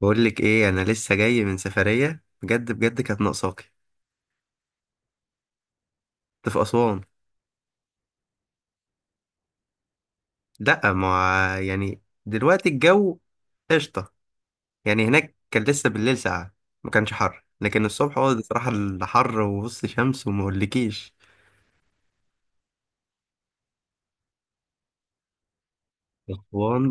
بقول لك ايه، انا لسه جاي من سفريه بجد بجد. كانت ناقصاكي. كنت في اسوان. لا، ما، يعني دلوقتي الجو قشطه. يعني هناك كان لسه بالليل ساقعه. ما كانش حر، لكن الصبح هو بصراحه الحر وبص شمس وما اقولكيش. اسوان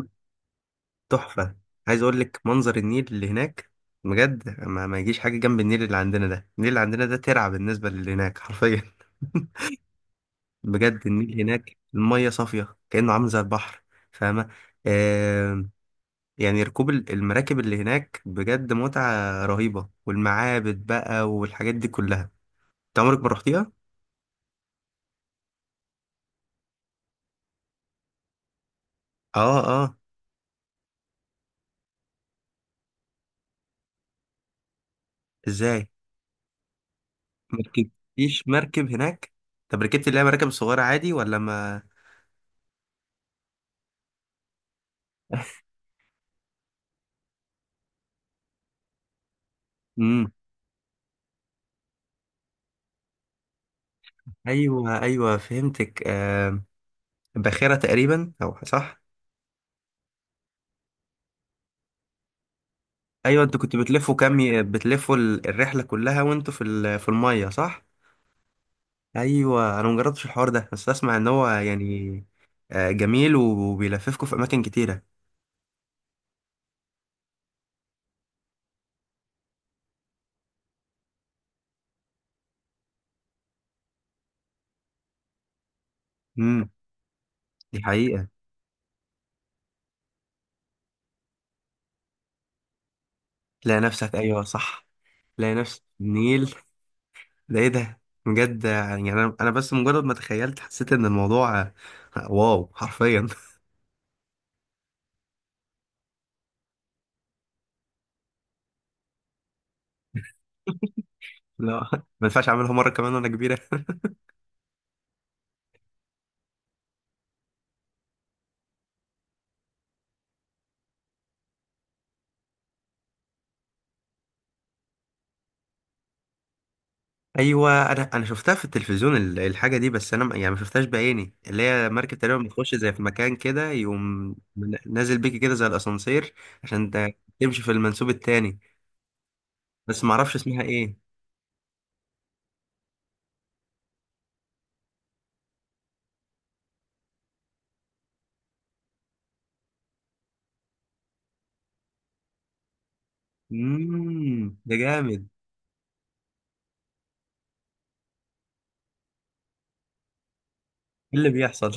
تحفه. عايز اقول لك منظر النيل اللي هناك بجد ما يجيش حاجه جنب النيل اللي عندنا ده. النيل اللي عندنا ده ترعه بالنسبه للي هناك، حرفيا. بجد النيل هناك، المية صافية كأنه عامل زي البحر. فاهمة؟ يعني ركوب المراكب اللي هناك بجد متعة رهيبة، والمعابد بقى والحاجات دي كلها. انت عمرك ما رحتيها؟ اه، اه. ازاي؟ ما ركبتيش مركب هناك؟ طب ركبتي اللي هي مراكب صغيرة عادي ولا ما. امم. ايوه، ايوه، فهمتك، آه. باخرة تقريبا، او صح؟ ايوه، انتوا كنتوا بتلفوا كام بتلفوا الرحلة كلها وانتوا في في المية، صح؟ ايوه، انا مجربتش الحوار ده، بس اسمع ان هو يعني آه، جميل وبيلففكوا في اماكن كتيرة. امم. دي حقيقة. تلاقي نفسك، أيوه، صح. تلاقي نفسك في النيل. ده إيه ده. بجد يعني أنا بس مجرد ما تخيلت، حسيت إن الموضوع واو، حرفيا. لا، ما ينفعش أعملها مرة كمان وأنا كبيرة. أيوه، أنا شفتها في التلفزيون الحاجة دي. بس أنا يعني ما شفتهاش بعيني. اللي هي مركب تقريبا بتخش زي في مكان كده، يقوم نازل بيكي كده زي الأسانسير. عشان تمشي في المنسوب التاني. بس ما أعرفش اسمها إيه. ده جامد. إيه اللي بيحصل.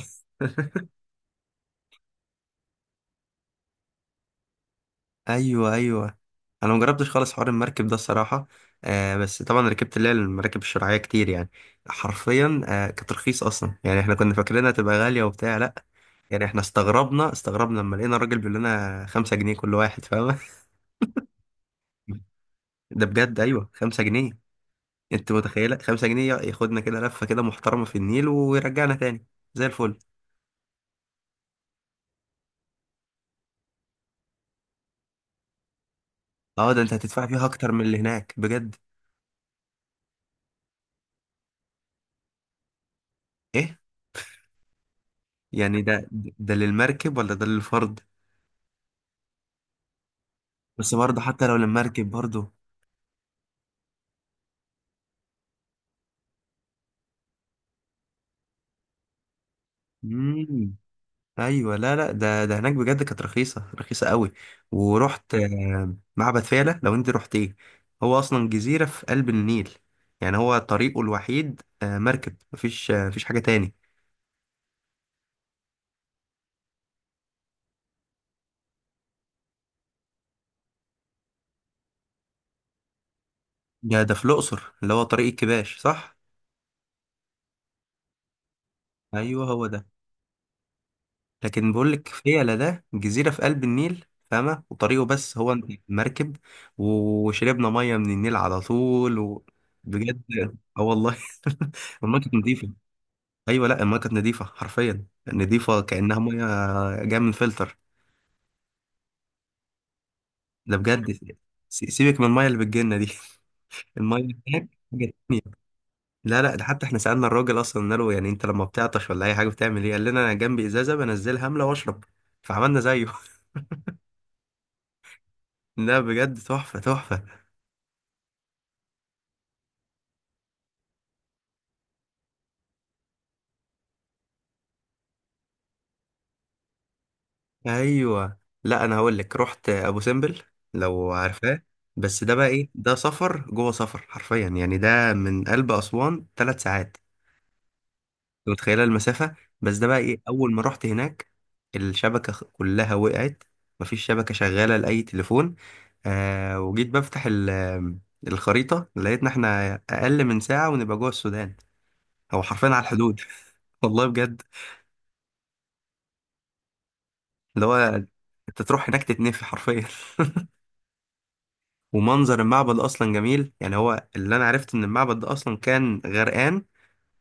ايوه، ايوه. انا مجربتش خالص حوار المركب ده الصراحه. آه، بس طبعا ركبت اللي هي المراكب الشراعيه كتير يعني. حرفيا، كانت رخيصه اصلا. يعني احنا كنا فاكرينها تبقى غاليه وبتاع، لا. يعني احنا استغربنا لما لقينا الراجل بيقول لنا خمسة جنيه كل واحد، فاهمه. ده بجد، ايوه، خمسة جنيه. انت متخيله خمسة جنيه ياخدنا كده لفه كده محترمه في النيل ويرجعنا تاني؟ زي الفل. اه، ده انت هتدفع فيها اكتر من اللي هناك بجد. ايه. يعني ده للمركب ولا ده للفرد. بس برضه حتى لو للمركب برضه. مم. ايوه، لا لا، ده هناك بجد كانت رخيصه رخيصه قوي. ورحت معبد فيلة، لو انت رحت ايه. هو اصلا جزيره في قلب النيل. يعني هو طريقه الوحيد مركب، مفيش حاجه تاني. ده في الاقصر اللي هو طريق الكباش، صح. ايوه، هو ده. لكن بقول لك فيلة ده جزيره في قلب النيل، فاهمه؟ وطريقه بس هو انت مركب. وشربنا ميه من النيل على طول بجد. اه، والله. والله كانت نضيفه. ايوه، لا، المايه كانت نظيفه حرفيا. نظيفه كانها ميه جايه من فلتر. ده بجد. سيبك من المايه اللي بتجيلنا دي. المايه اللي هناك حاجه تانية. لا لا، ده حتى احنا سالنا الراجل اصلا، قلنا له يعني انت لما بتعطش ولا اي حاجه بتعمل ايه، قال لنا انا جنبي ازازه بنزلها املى واشرب. فعملنا زيه. لا، بجد تحفه تحفه. ايوه، لا، انا هقول لك رحت ابو سمبل، لو عارفاه. بس ده بقى ايه، ده سفر جوه سفر، حرفيا. يعني ده من قلب اسوان 3 ساعات. انت متخيله المسافه؟ بس ده بقى ايه، اول ما رحت هناك الشبكه كلها وقعت. مفيش شبكه شغاله لاي تليفون. وجيت بفتح الخريطه، لقيتنا احنا اقل من ساعه ونبقى جوه السودان. هو حرفيا على الحدود، والله بجد. اللي هو انت تروح هناك تتنفي حرفيا. ومنظر المعبد اصلا جميل. يعني هو اللي انا عرفت ان المعبد ده اصلا كان غرقان،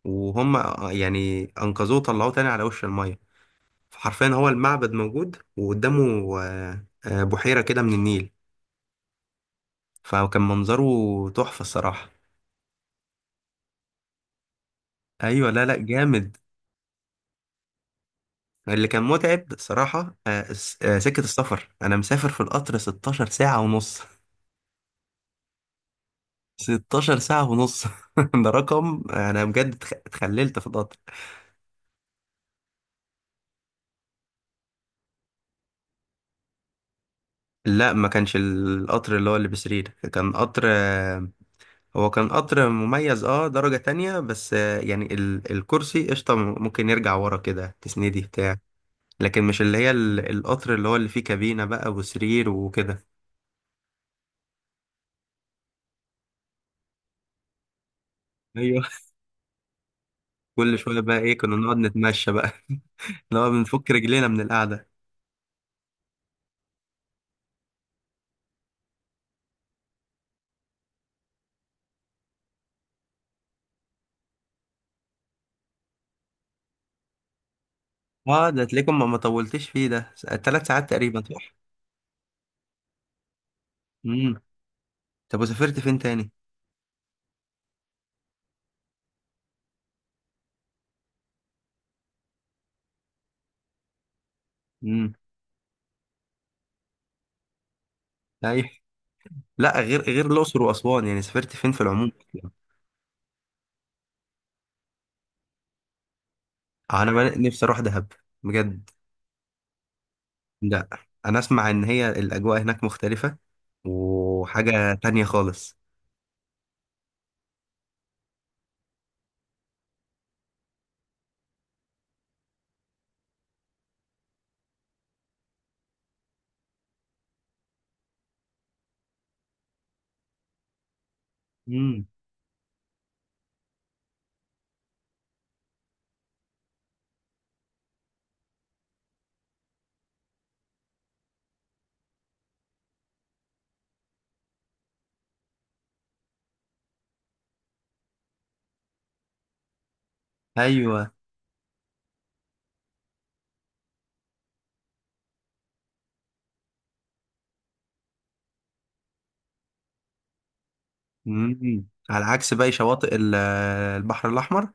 وهم يعني انقذوه وطلعوه تاني على وش الميه. فحرفيا هو المعبد موجود، وقدامه بحيرة كده من النيل. فكان منظره تحفة الصراحة. أيوة، لا لا، جامد. اللي كان متعب صراحة سكة السفر، أنا مسافر في القطر 16 ساعة ونص. 16 ساعة ونص. ده رقم. أنا بجد اتخللت في القطر. لا، ما كانش القطر اللي هو اللي بسرير، كان قطر هو كان قطر مميز، درجة تانية بس، يعني الكرسي قشطة، ممكن يرجع ورا كده تسندي بتاع. لكن مش اللي هي القطر اللي هو اللي فيه كابينة بقى وسرير وكده. ايوه، كل شوية بقى ايه كنا نقعد نتمشى بقى. اللي هو بنفك رجلينا من القعدة. اه، ده تلاقيكم ما طولتش فيه، ده 3 ساعات تقريبا، صح؟ امم. طب وسافرت فين تاني؟ امم. ايوه. لا، غير الأقصر وأسوان، يعني سافرت فين في العموم؟ آه، انا بقى نفسي اروح دهب. بجد. لا، انا اسمع ان هي الاجواء هناك مختلفة وحاجة تانية خالص. امم. ايوه. مم. على عكس باقي شواطئ البحر الأحمر.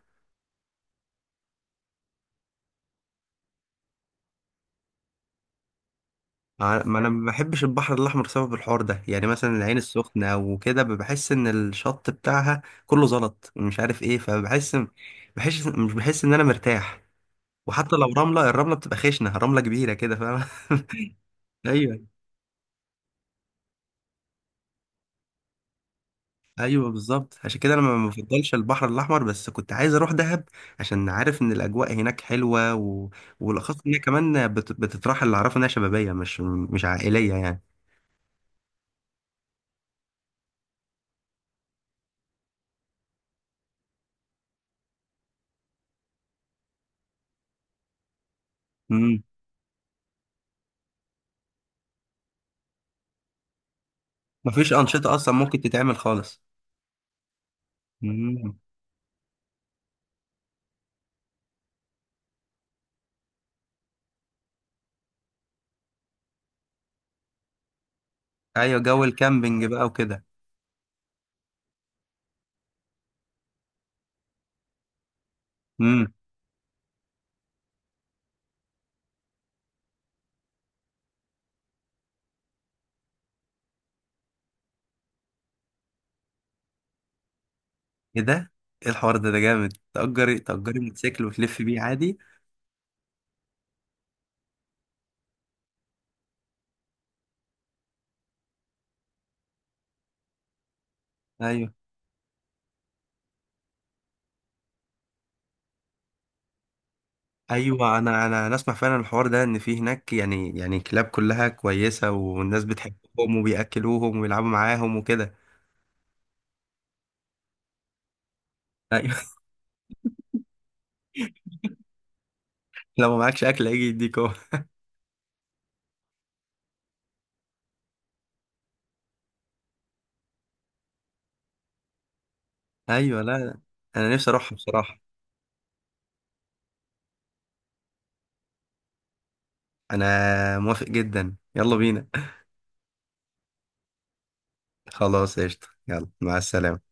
ما أنا ما بحبش البحر الأحمر بسبب الحوار ده. يعني مثلا العين السخنة أو كده، بحس إن الشط بتاعها كله زلط مش عارف إيه، فبحس. بحس، مش، بحس إن أنا مرتاح. وحتى لو الرملة بتبقى خشنة، رملة كبيرة كده، فاهم؟ أيوه، أيوه، بالظبط. عشان كده أنا ما بفضلش البحر الأحمر، بس كنت عايز أروح دهب. عشان عارف إن الأجواء هناك حلوة والأخص إن هي كمان بتتراحل. اللي أعرفه إنها شبابية، مش عائلية. يعني مفيش أنشطة أصلا ممكن تتعمل خالص. مم. أيوة، جو الكامبينج بقى وكده. امم. إيه ده؟ إيه الحوار ده جامد. تأجري موتوسيكل وتلف بيه عادي. أيوة، أيوة، أنا أسمع فعلا الحوار ده، إن في هناك، يعني كلاب كلها كويسة، والناس بتحبهم وبيأكلوهم ويلعبوا معاهم وكده. أيوة. لو معكش أكل هيجي يديك هو. أيوة، لا لا. أنا نفسي أروحها بصراحة. أنا موافق جدا، يلا بينا. خلاص قشطة، يلا مع السلامة.